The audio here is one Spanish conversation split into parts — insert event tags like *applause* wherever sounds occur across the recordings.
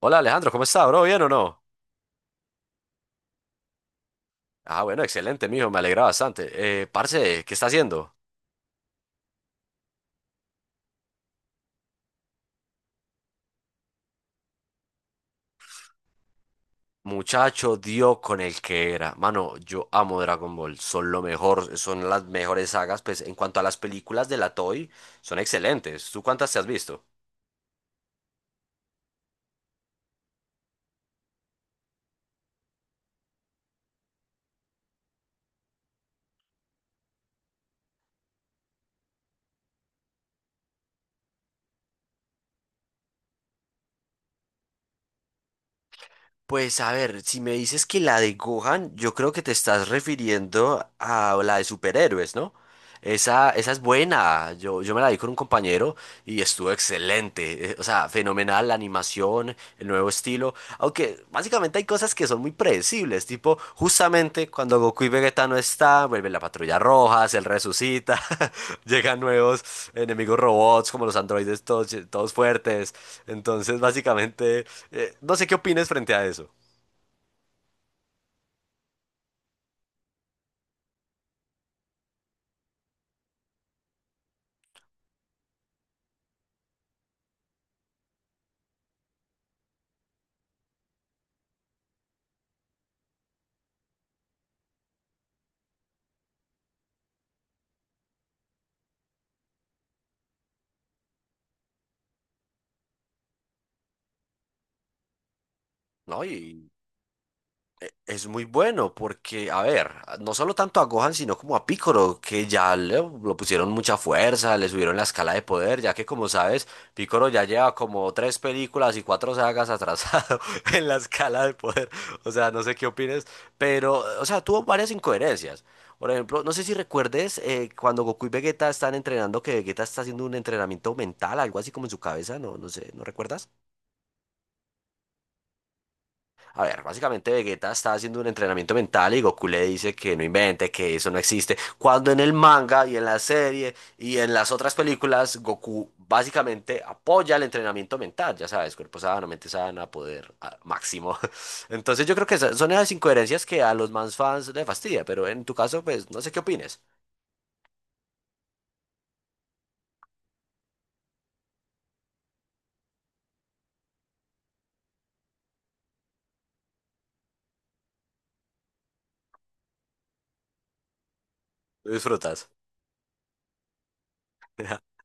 Hola Alejandro, ¿cómo está, bro? ¿Bien o no? Ah, bueno, excelente, mijo, me alegra bastante. Parce, ¿qué está haciendo? Muchacho, dio con el que era. Mano, yo amo Dragon Ball, son lo mejor, son las mejores sagas, pues en cuanto a las películas de la Toei, son excelentes. ¿Tú cuántas te has visto? Pues a ver, si me dices que la de Gohan, yo creo que te estás refiriendo a la de superhéroes, ¿no? Esa es buena. Yo me la vi con un compañero y estuvo excelente. O sea, fenomenal la animación, el nuevo estilo. Aunque básicamente hay cosas que son muy predecibles. Tipo, justamente cuando Goku y Vegeta no están, vuelve la patrulla roja, se resucita, *laughs* llegan nuevos enemigos robots como los androides todos fuertes. Entonces, básicamente, no sé qué opines frente a eso. No, y es muy bueno porque, a ver, no solo tanto a Gohan, sino como a Piccolo, que ya lo pusieron mucha fuerza, le subieron la escala de poder, ya que como sabes, Piccolo ya lleva como tres películas y cuatro sagas atrasado *laughs* en la escala de poder. O sea, no sé qué opines, pero, o sea, tuvo varias incoherencias. Por ejemplo, no sé si recuerdes cuando Goku y Vegeta están entrenando, que Vegeta está haciendo un entrenamiento mental, algo así como en su cabeza, no, no sé, ¿no recuerdas? A ver, básicamente Vegeta está haciendo un entrenamiento mental y Goku le dice que no invente, que eso no existe. Cuando en el manga y en la serie y en las otras películas, Goku básicamente apoya el entrenamiento mental, ya sabes, cuerpo sano, mente sana, poder máximo. *laughs* Entonces yo creo que son esas incoherencias que a los más fans les fastidia, pero en tu caso, pues no sé qué opines. Lo disfrutas. *laughs*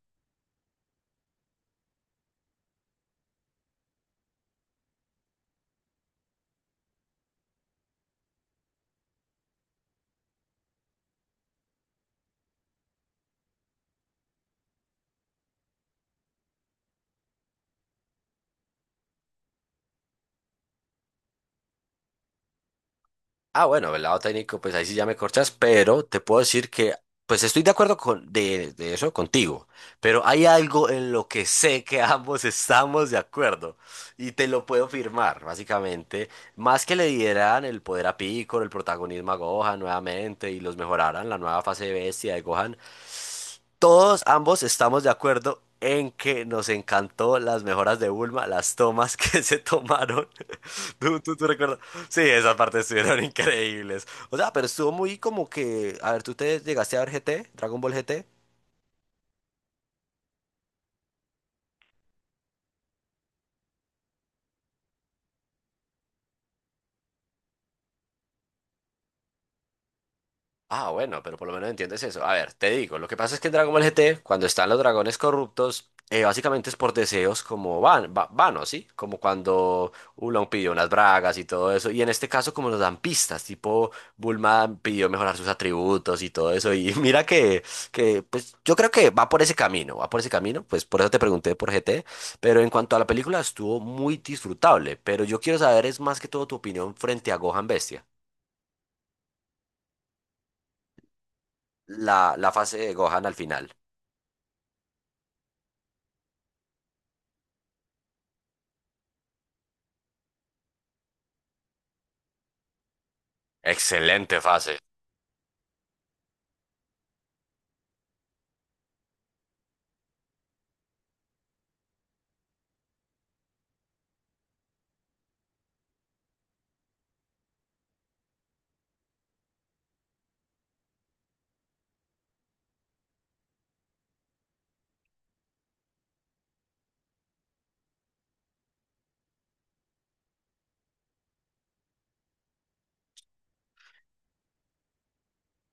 Ah, bueno, del lado técnico, pues ahí sí ya me corchas, pero te puedo decir que, pues estoy de acuerdo con de eso contigo, pero hay algo en lo que sé que *laughs* ambos estamos de acuerdo y te lo puedo firmar, básicamente. Más que le dieran el poder a Piccolo, el protagonismo a Gohan nuevamente y los mejoraran la nueva fase de bestia de Gohan, todos ambos estamos de acuerdo en que nos encantó las mejoras de Bulma, las tomas *laughs* que se tomaron. *laughs* ¿Tú recuerdas? Sí, esas partes estuvieron *laughs* increíbles. O sea, pero estuvo muy como que, a ver, ¿tú te llegaste a ver GT, Dragon Ball GT? Ah, bueno, pero por lo menos entiendes eso. A ver, te digo, lo que pasa es que en Dragon Ball GT, cuando están los dragones corruptos, básicamente es por deseos como vanos, ¿sí? Como cuando Oolong pidió unas bragas y todo eso. Y en este caso, como nos dan pistas, tipo Bulma pidió mejorar sus atributos y todo eso. Y *laughs* mira pues yo creo que va por ese camino, va por ese camino. Pues por eso te pregunté por GT. Pero en cuanto a la película, estuvo muy disfrutable. Pero yo quiero saber, es más que todo tu opinión frente a Gohan Bestia, la fase de Gohan al final. Excelente fase.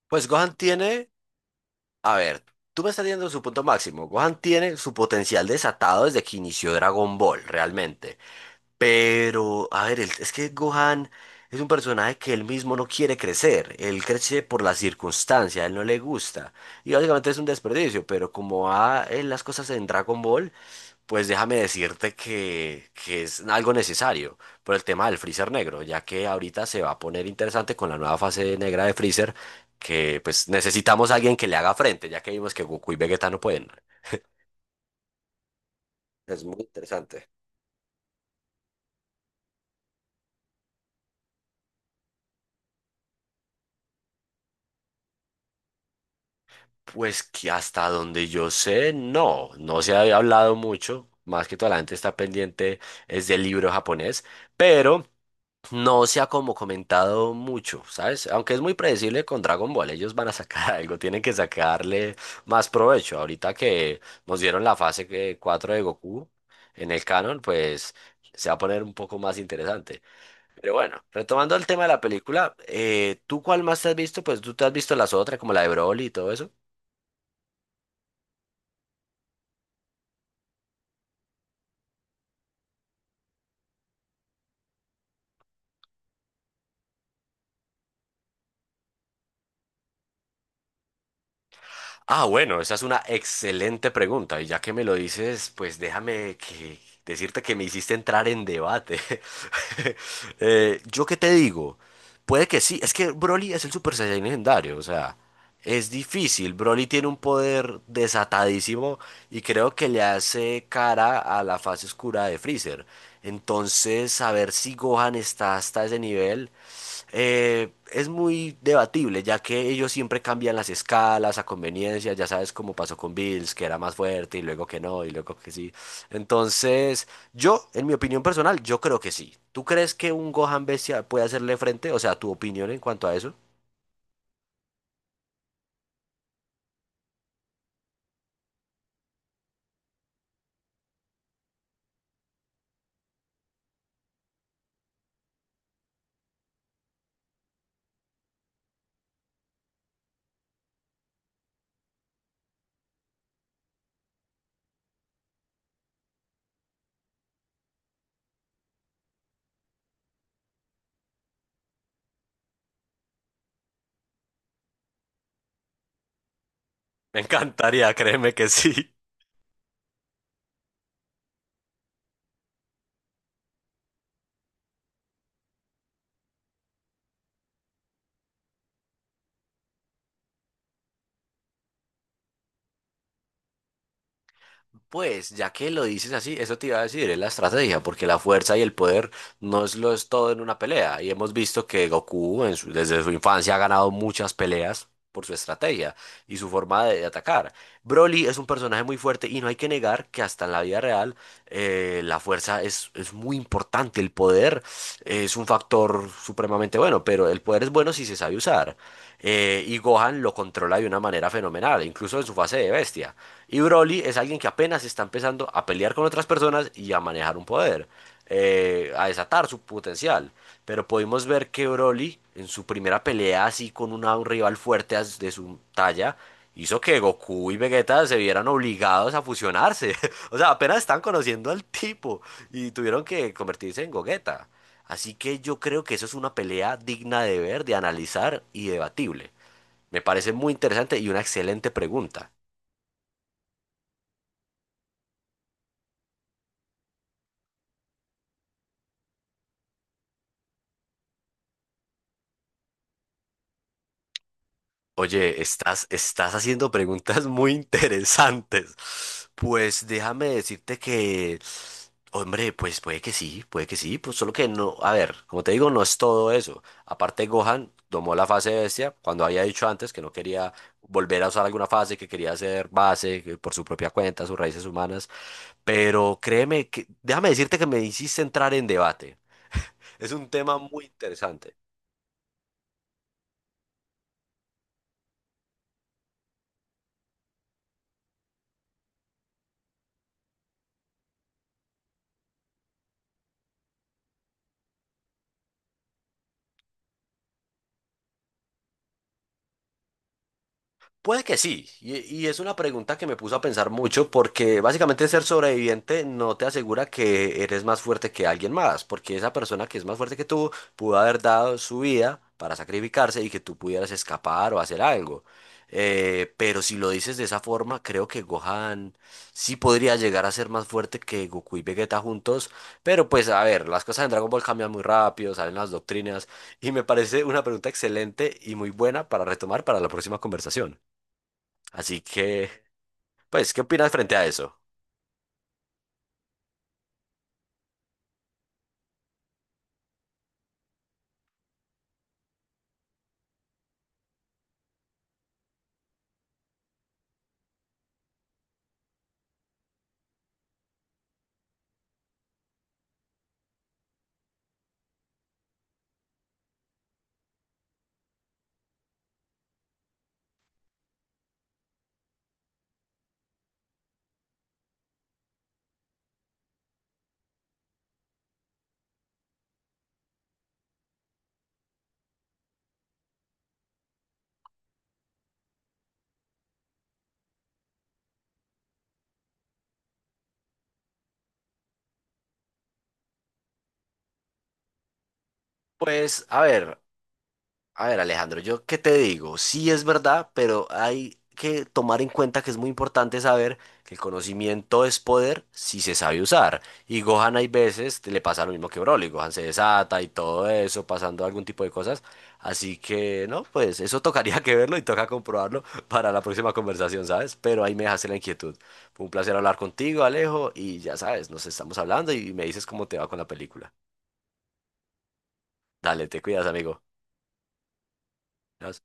Pues Gohan tiene, a ver, tú me estás diciendo su punto máximo. Gohan tiene su potencial desatado desde que inició Dragon Ball, realmente. Pero, a ver, es que Gohan es un personaje que él mismo no quiere crecer. Él crece por la circunstancia, a él no le gusta. Y básicamente es un desperdicio, pero como va en las cosas en Dragon Ball, pues déjame decirte que es algo necesario por el tema del freezer negro, ya que ahorita se va a poner interesante con la nueva fase negra de freezer, que pues necesitamos a alguien que le haga frente, ya que vimos que Goku y Vegeta no pueden. Es muy interesante. Pues que hasta donde yo sé, no, no se había hablado mucho, más que toda la gente está pendiente es del libro japonés, pero no se ha como comentado mucho, ¿sabes? Aunque es muy predecible con Dragon Ball, ellos van a sacar *laughs* algo, tienen que sacarle más provecho. Ahorita que nos dieron la 4 de Goku en el canon, pues se va a poner un poco más interesante. Pero bueno, retomando el tema de la película, ¿tú cuál más te has visto? Pues tú te has visto las otras, como la de Broly y todo eso. Ah, bueno, esa es una excelente pregunta. Y ya que me lo dices, pues déjame que decirte que me hiciste entrar en debate. *laughs* ¿Yo qué te digo? Puede que sí. Es que Broly es el Super Saiyan legendario. O sea, es difícil. Broly tiene un poder desatadísimo y creo que le hace cara a la fase oscura de Freezer. Entonces, saber si Gohan está hasta ese nivel. Es muy debatible, ya que ellos siempre cambian las escalas a conveniencia, ya sabes cómo pasó con Bills, que era más fuerte y luego que no, y luego que sí. Entonces, yo, en mi opinión personal, yo creo que sí. ¿Tú crees que un Gohan Bestia puede hacerle frente? O sea, tu opinión en cuanto a eso. Me encantaría, créeme que sí. Pues, ya que lo dices así, eso te iba a decir, es la estrategia, porque la fuerza y el poder no es lo es todo en una pelea. Y hemos visto que Goku en desde su infancia ha ganado muchas peleas por su estrategia y su forma de atacar. Broly es un personaje muy fuerte y no hay que negar que hasta en la vida real la fuerza es muy importante, el poder es un factor supremamente bueno, pero el poder es bueno si se sabe usar. Y Gohan lo controla de una manera fenomenal, incluso en su fase de bestia. Y Broly es alguien que apenas está empezando a pelear con otras personas y a manejar un poder a desatar su potencial. Pero pudimos ver que Broly, en su primera pelea así con un rival fuerte de su talla, hizo que Goku y Vegeta se vieran obligados a fusionarse. *laughs* O sea, apenas están conociendo al tipo y tuvieron que convertirse en Gogeta. Así que yo creo que eso es una pelea digna de ver, de analizar y debatible. Me parece muy interesante y una excelente pregunta. Oye, estás haciendo preguntas *laughs* muy interesantes. Pues déjame decirte que, hombre, pues puede que sí, pues solo que no, a ver, como te digo, no es todo eso. Aparte, Gohan tomó la fase bestia cuando había dicho antes que no quería volver a usar alguna fase, que quería hacer base que por su propia cuenta, sus raíces humanas. Pero créeme que, déjame decirte que me hiciste entrar en debate. Es un tema muy interesante. Puede que sí, y es una pregunta que me puso a pensar mucho porque básicamente ser sobreviviente no te asegura que eres más fuerte que alguien más, porque esa persona que es más fuerte que tú pudo haber dado su vida para sacrificarse y que tú pudieras escapar o hacer algo. Pero si lo dices de esa forma, creo que Gohan sí podría llegar a ser más fuerte que Goku y Vegeta juntos, pero pues a ver, las cosas en Dragon Ball cambian muy rápido, salen las doctrinas y me parece una pregunta excelente y muy buena para retomar para la próxima conversación. Así que, pues, ¿qué opinas frente a eso? Pues, a ver, Alejandro, yo qué te digo, sí es verdad, pero hay que tomar en cuenta que es muy importante saber que el conocimiento es poder si se sabe usar. Y Gohan hay veces le pasa lo mismo que Broly, Gohan se desata y todo eso, pasando algún tipo de cosas. Así que, no, pues eso *laughs* tocaría que verlo y toca comprobarlo *laughs* para la próxima conversación, ¿sabes? Pero ahí me dejaste la inquietud. Fue un placer hablar contigo, Alejo, y ya sabes, nos estamos hablando y me dices cómo te va con la película. Dale, te cuidas, amigo. Nos-